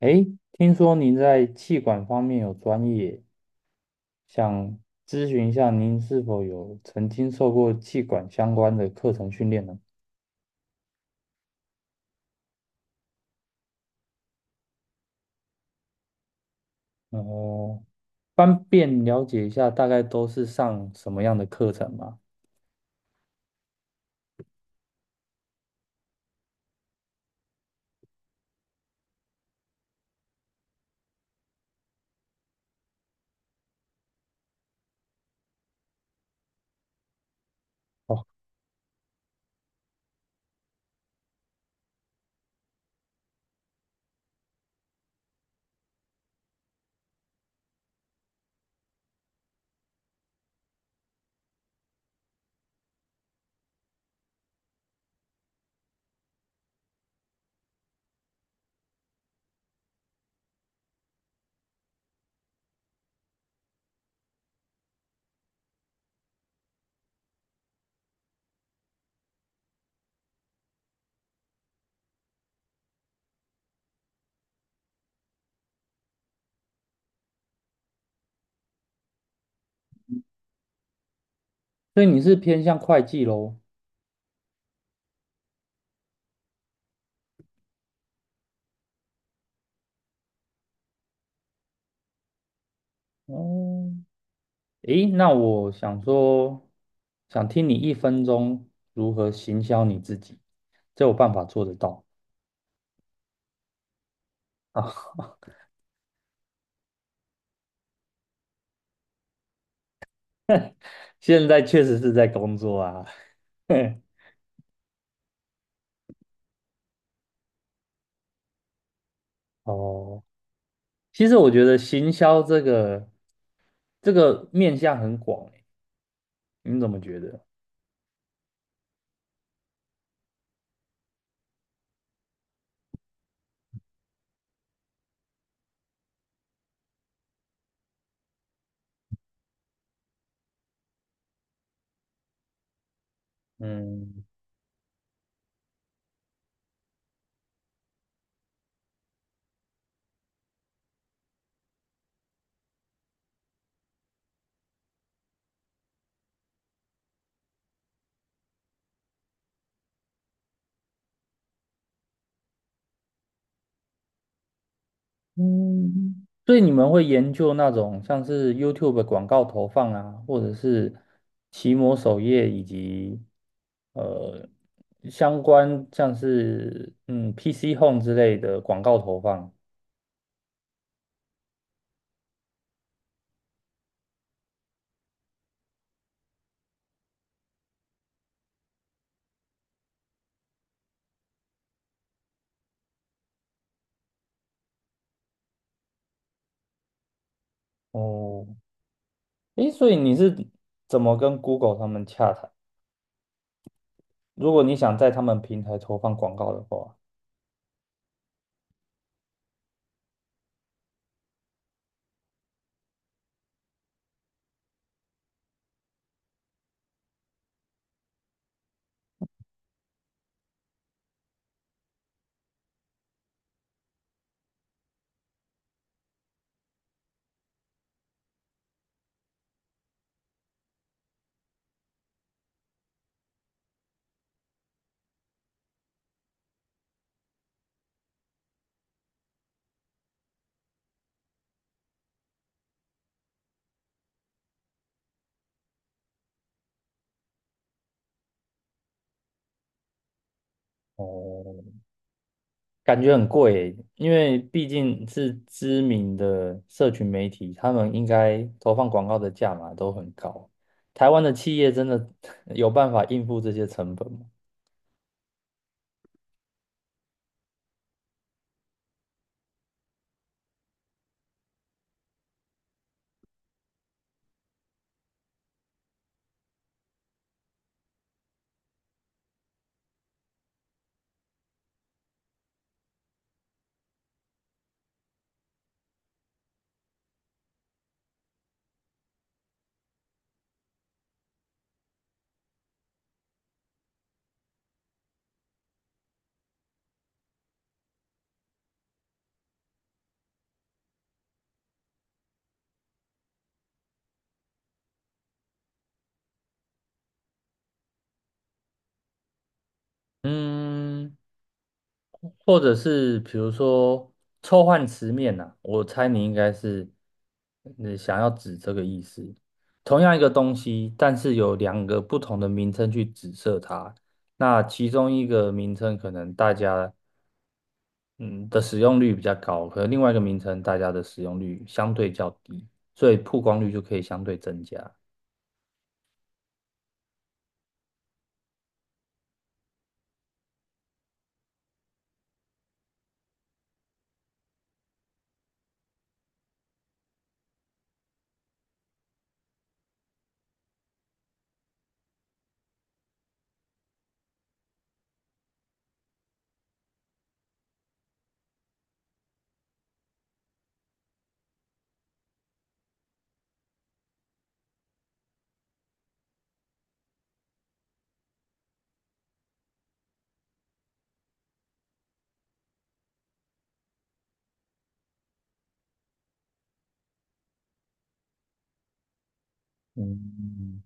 诶，听说您在气管方面有专业，想咨询一下您是否有曾经受过气管相关的课程训练呢？哦，方便了解一下大概都是上什么样的课程吗？哦，所以你是偏向会计喽？哦，诶，那我想说，想听你一分钟如何行销你自己，这有办法做得到啊？现在确实是在工作啊。哦，其实我觉得行销这个面向很广欸，你怎么觉得？嗯，所以你们会研究那种像是 YouTube 的广告投放啊，或者是奇摩首页以及呃相关像是PC Home 之类的广告投放。哦，诶，所以你是怎么跟 Google 他们洽谈？如果你想在他们平台投放广告的话，哦，感觉很贵欸因为毕竟是知名的社群媒体，他们应该投放广告的价码都很高。台湾的企业真的 有办法应付这些成本吗？嗯，或者是比如说臭换词面呐、我猜你应该是想要指这个意思。同样一个东西，但是有两个不同的名称去指涉它，那其中一个名称可能大家嗯的使用率比较高，可能另外一个名称大家的使用率相对较低，所以曝光率就可以相对增加。嗯，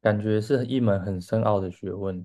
感觉是一门很深奥的学问，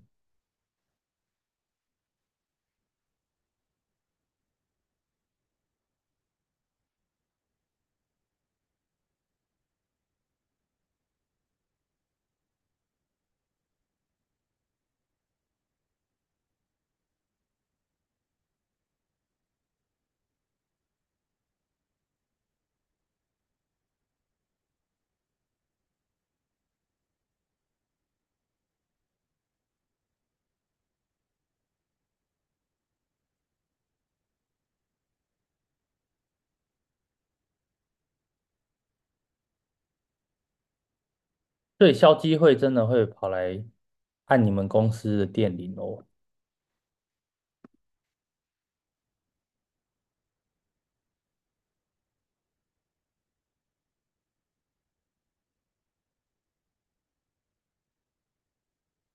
所以消基会真的会跑来按你们公司的电铃哦。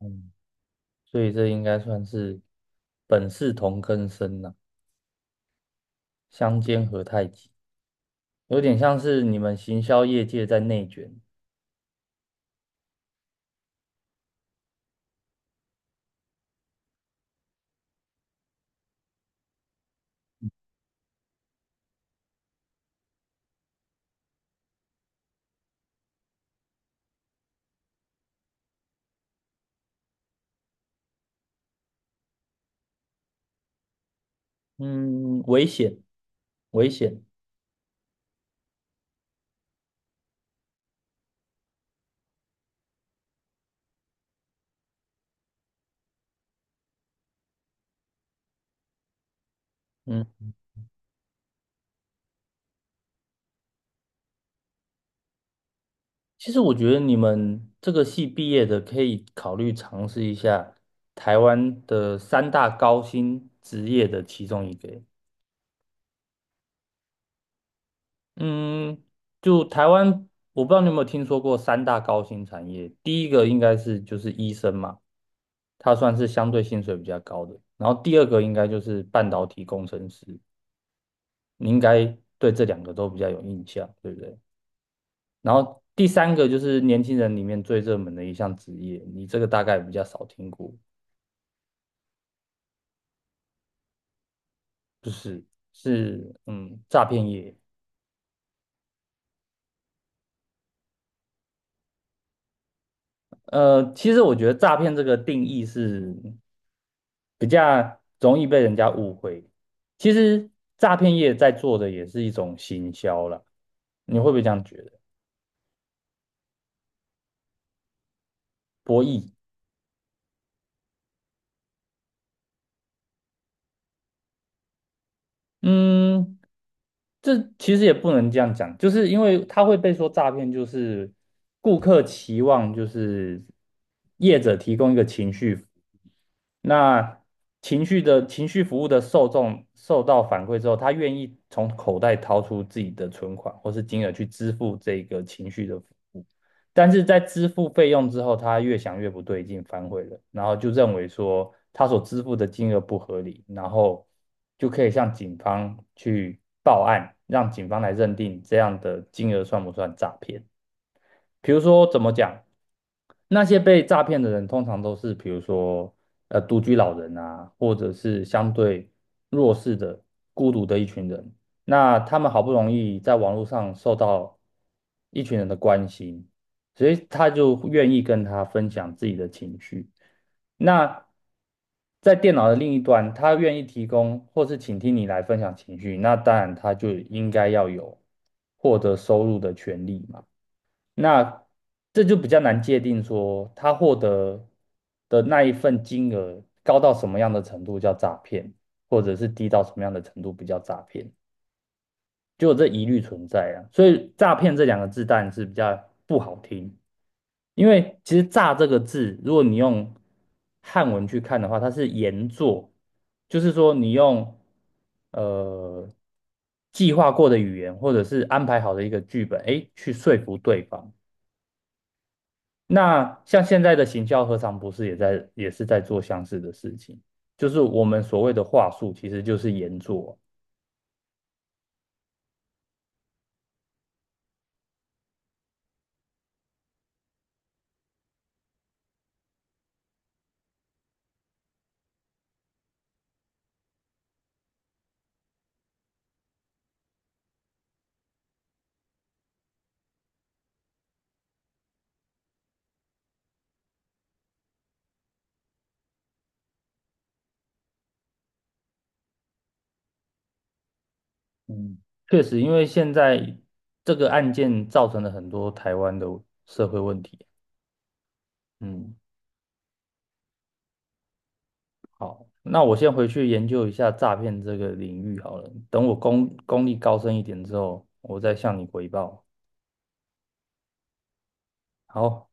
嗯，所以这应该算是本是同根生呐、相煎何太急，有点像是你们行销业界在内卷。嗯，危险，危险。嗯。其实我觉得你们这个系毕业的可以考虑尝试一下台湾的三大高薪职业的其中一个欸嗯，就台湾，我不知道你有没有听说过三大高薪产业。第一个应该是就是医生嘛，他算是相对薪水比较高的。然后第二个应该就是半导体工程师，你应该对这两个都比较有印象，对不对？然后第三个就是年轻人里面最热门的一项职业，你这个大概比较少听过。就是，诈骗业。其实我觉得诈骗这个定义是比较容易被人家误会。其实诈骗业在做的也是一种行销啦，你会不会这样觉得？博弈。嗯，这其实也不能这样讲，就是因为他会被说诈骗，就是顾客期望就是业者提供一个情绪服务，那情绪服务的受众受到反馈之后，他愿意从口袋掏出自己的存款或是金额去支付这个情绪的服务。但是在支付费用之后，他越想越不对劲，反悔了，然后就认为说他所支付的金额不合理，然后就可以向警方去报案，让警方来认定这样的金额算不算诈骗。比如说怎么讲，那些被诈骗的人通常都是比如说独居老人啊，或者是相对弱势的、孤独的一群人。那他们好不容易在网络上受到一群人的关心，所以他就愿意跟他分享自己的情绪。那在电脑的另一端，他愿意提供或是倾听你来分享情绪，那当然他就应该要有获得收入的权利嘛。那这就比较难界定说他获得的那一份金额高到什么样的程度叫诈骗，或者是低到什么样的程度不叫诈骗，就有这疑虑存在啊。所以诈骗这两个字当然是比较不好听，因为其实“诈”这个字，如果你用汉文去看的话，它是言作，就是说你用呃计划过的语言或者是安排好的一个剧本，哎，去说服对方。那像现在的行销何尝不是也是在做相似的事情？就是我们所谓的话术，其实就是言做。嗯，确实，因为现在这个案件造成了很多台湾的社会问题。嗯，好，那我先回去研究一下诈骗这个领域好了。等我功力高深一点之后，我再向你回报。好。